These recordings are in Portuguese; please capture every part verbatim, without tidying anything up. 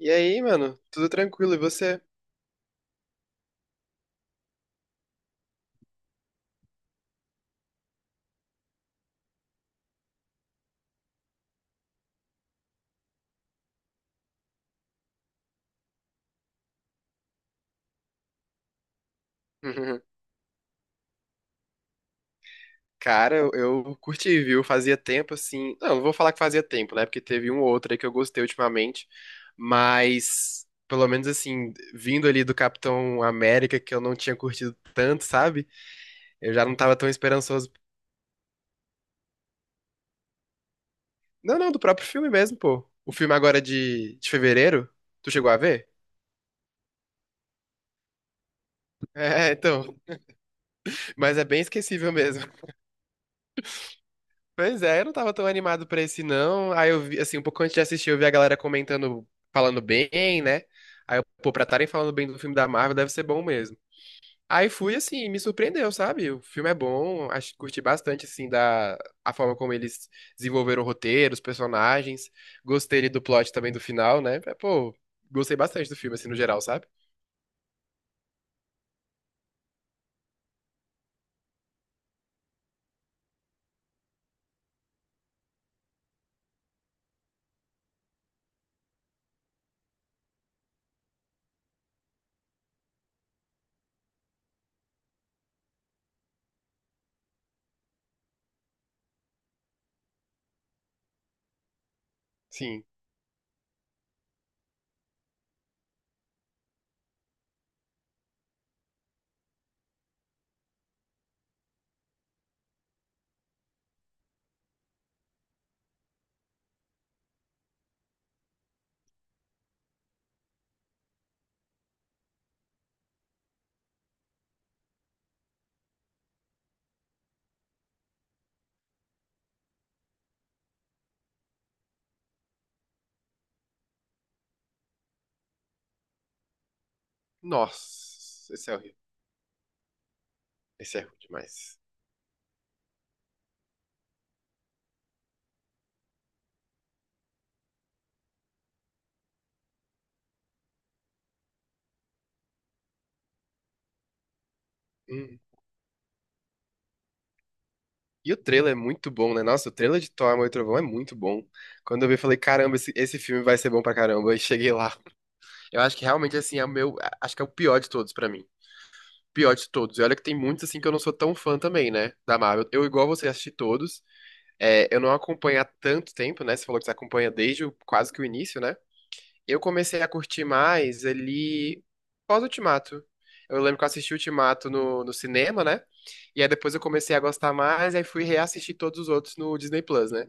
E aí, mano? Tudo tranquilo, e você? Cara, eu, eu curti, viu? Fazia tempo assim. Não, não vou falar que fazia tempo, né? Porque teve um ou outro aí que eu gostei ultimamente. Mas, pelo menos assim, vindo ali do Capitão América, que eu não tinha curtido tanto, sabe? Eu já não tava tão esperançoso. Não, não, do próprio filme mesmo, pô. O filme agora de, de fevereiro. Tu chegou a ver? É, então. Mas é bem esquecível mesmo. Pois é, eu não tava tão animado pra esse não. Aí eu vi, assim, um pouco antes de assistir, eu vi a galera comentando, falando bem, né? Aí eu, pô, pra estarem falando bem do filme da Marvel deve ser bom mesmo. Aí fui, assim, me surpreendeu, sabe? O filme é bom, acho, curti bastante, assim, da a forma como eles desenvolveram o roteiro, os personagens. Gostei ali do plot também do final, né? É, pô, gostei bastante do filme, assim, no geral, sabe? Sim. Nossa, esse é horrível. Esse é ruim demais. Hum. E o trailer é muito bom, né? Nossa, o trailer de Thor, Amor e Trovão é muito bom. Quando eu vi, eu falei, caramba, esse, esse filme vai ser bom pra caramba. E cheguei lá. Eu acho que realmente, assim, é o meu... Acho que é o pior de todos pra mim. Pior de todos. E olha que tem muitos, assim, que eu não sou tão fã também, né? Da Marvel. Eu, igual você, assisti todos. É, eu não acompanho há tanto tempo, né? Você falou que você acompanha desde o- quase que o início, né? Eu comecei a curtir mais ali pós-Ultimato. Eu lembro que eu assisti Ultimato no, no cinema, né? E aí depois eu comecei a gostar mais, aí fui reassistir todos os outros no Disney Plus, né?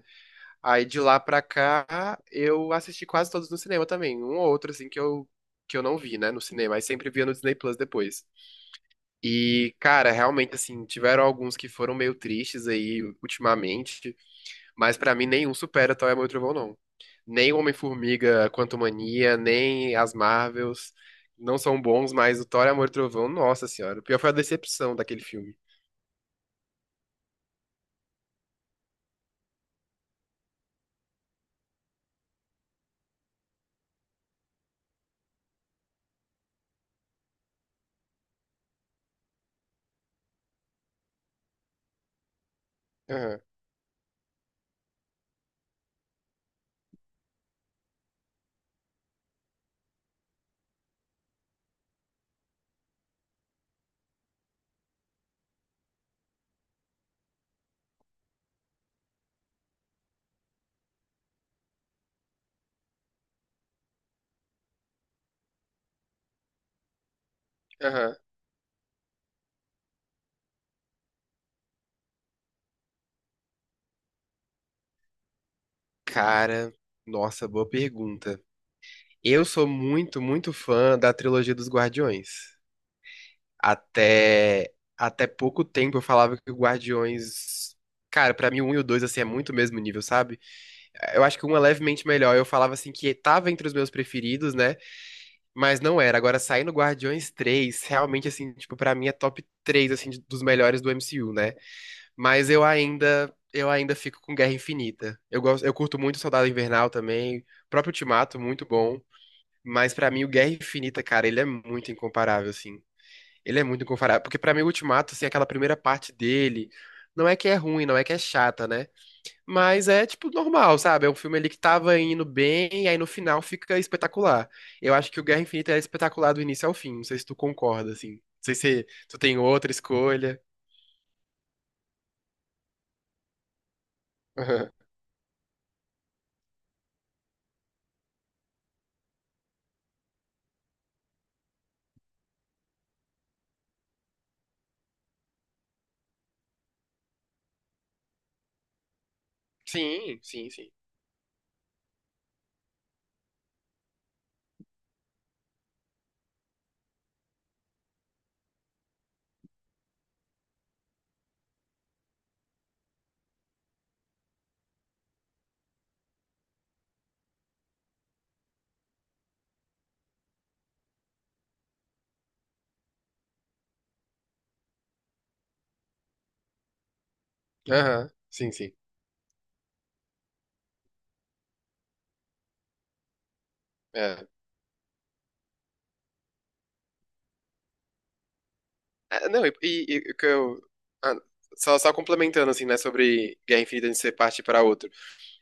Aí de lá pra cá, eu assisti quase todos no cinema também. Um ou outro, assim, que eu, que eu não vi, né, no cinema. Aí sempre via no Disney Plus depois. E, cara, realmente, assim, tiveram alguns que foram meio tristes aí ultimamente. Mas pra mim nenhum supera Toy Amor e Trovão, não. Nem o Homem-Formiga, Quantumania, nem as Marvels não são bons, mas o Thor, Amor e Trovão, nossa senhora. O pior foi a decepção daquele filme. Aham, aham. Cara, nossa, boa pergunta. Eu sou muito, muito fã da trilogia dos Guardiões. Até, até pouco tempo eu falava que o Guardiões. Cara, pra mim o um e o dois assim é muito o mesmo nível, sabe? Eu acho que um é levemente melhor. Eu falava assim que tava entre os meus preferidos, né? Mas não era. Agora, saindo Guardiões três realmente, assim, tipo, pra mim é top três assim, de- dos melhores do M C U, né? Mas eu ainda, eu ainda fico com Guerra Infinita. Eu gosto, eu curto muito Soldado Invernal também, o próprio Ultimato, muito bom. Mas pra mim, o Guerra Infinita, cara, ele é muito incomparável, assim. Ele é muito incomparável. Porque pra mim, o Ultimato, assim, aquela primeira parte dele, não é que é ruim, não é que é chata, né? Mas é, tipo, normal, sabe? É um filme ali que tava indo bem, e aí no final fica espetacular. Eu acho que o Guerra Infinita é espetacular do início ao fim. Não sei se tu concorda, assim. Não sei se tu tem outra escolha. Aham. Sim, sim, sim. Aham, sim, sim. É. É, não, e, e- e o que eu. Ah, só, só complementando, assim, né, sobre Guerra Infinita de ser parte para outro.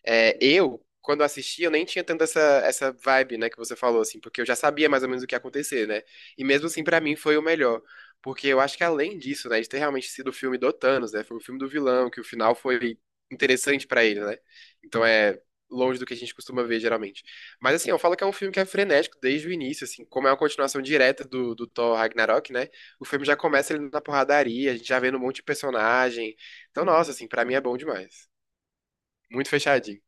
É, eu, quando assisti, eu nem tinha tanto essa, essa vibe, né, que você falou, assim, porque eu já sabia mais ou menos o que ia acontecer, né? E mesmo assim, pra mim, foi o melhor. Porque eu acho que além disso, né, de ter realmente sido o filme do Thanos, né? Foi o filme do vilão, que o final foi interessante pra ele, né? Então é longe do que a gente costuma ver, geralmente. Mas assim, eu falo que é um filme que é frenético desde o início, assim, como é uma continuação direta do, do Thor Ragnarok, né? O filme já começa ele na porradaria, a gente já vendo um monte de personagem. Então, nossa, assim, pra mim é bom demais. Muito fechadinho.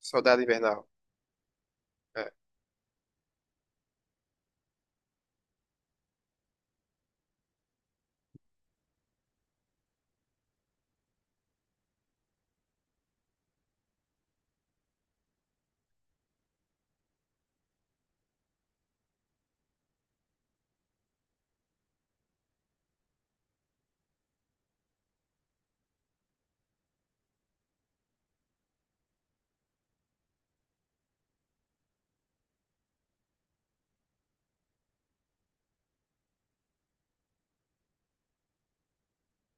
Soldado Invernal. É.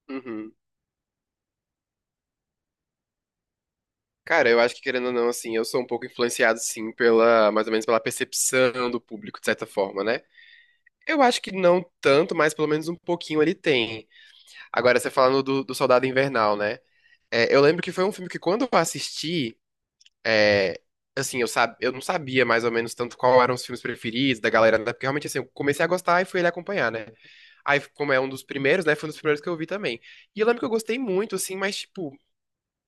Uhum. Cara, eu acho que querendo ou não, assim, eu sou um pouco influenciado, sim, pela, mais ou menos pela percepção do público, de certa forma, né? Eu acho que não tanto, mas pelo menos um pouquinho ele tem. Agora, você falando do, do Soldado Invernal, né? É, eu lembro que foi um filme que quando eu assisti, é, assim, eu, sab, eu não sabia mais ou menos tanto qual eram os filmes preferidos da galera, né? Porque realmente, assim, eu comecei a gostar e fui ele acompanhar, né? Aí, como é um dos primeiros, né? Foi um dos primeiros que eu vi também. E eu lembro que eu gostei muito, assim, mas, tipo,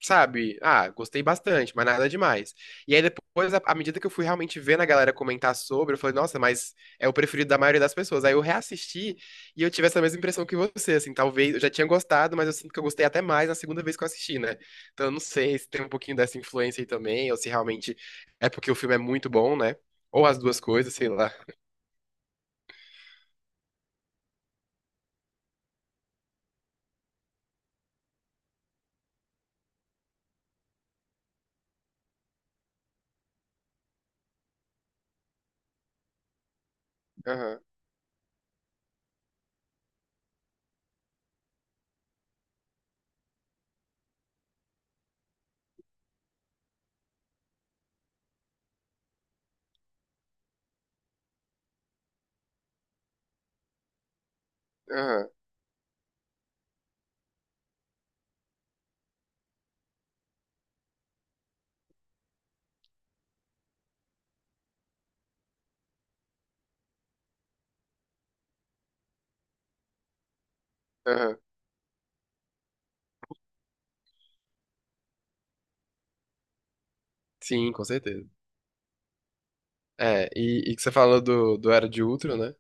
sabe? Ah, gostei bastante, mas nada demais. E aí depois, à à medida que eu fui realmente vendo a galera comentar sobre, eu falei, nossa, mas é o preferido da maioria das pessoas. Aí eu reassisti e eu tive essa mesma impressão que você, assim, talvez eu já tinha gostado, mas eu sinto que eu gostei até mais na segunda vez que eu assisti, né? Então eu não sei se tem um pouquinho dessa influência aí também, ou se realmente é porque o filme é muito bom, né? Ou as duas coisas, sei lá. Aham, aham, aham. Sim, com certeza. É, e, e que você falou do, do Era de Ultron, né?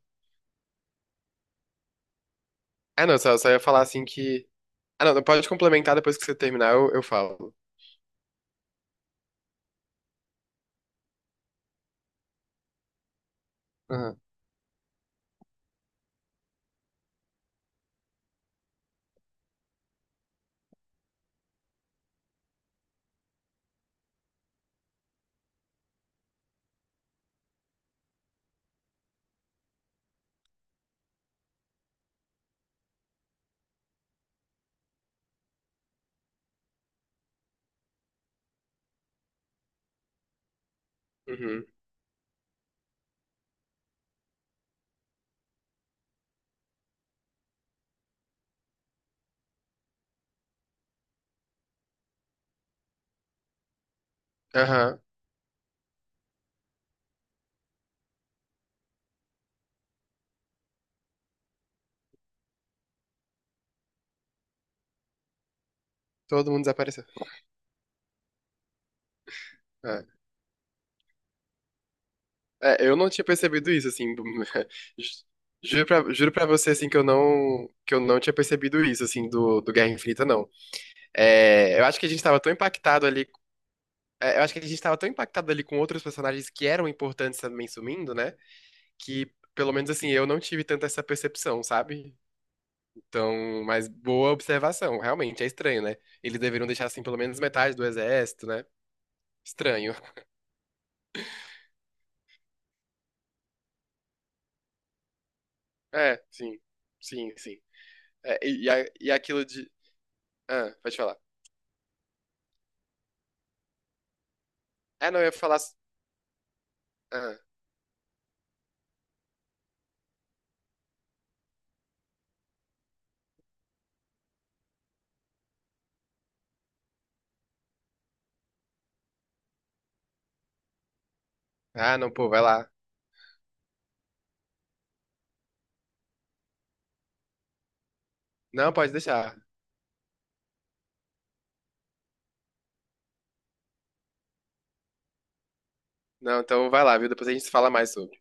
Ah, não, só, só ia falar assim que. Ah, não, pode complementar depois que você terminar, eu, eu falo. Aham. Uhum. Aham. Todo mundo desapareceu. É. É, eu não tinha percebido isso, assim. ju- Juro pra, juro pra você, assim, que eu não, que eu não tinha percebido isso, assim, do, do Guerra Infinita, não. É, eu acho que a gente tava tão impactado ali. É, eu acho que a gente tava tão impactado ali com outros personagens que eram importantes também sumindo, né? Que, pelo menos, assim, eu não tive tanto essa percepção, sabe? Então, mas boa observação. Realmente, é estranho, né? Eles deveriam deixar, assim, pelo menos metade do exército, né? Estranho. É, sim. Sim, sim. É, e, e a- e aquilo de... Ah, pode falar. Ah, não, eu ia falar... Ah, ah, não, pô, vai lá. Não, pode deixar. Não, então vai lá, viu? Depois a gente se fala mais sobre.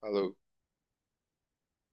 Falou.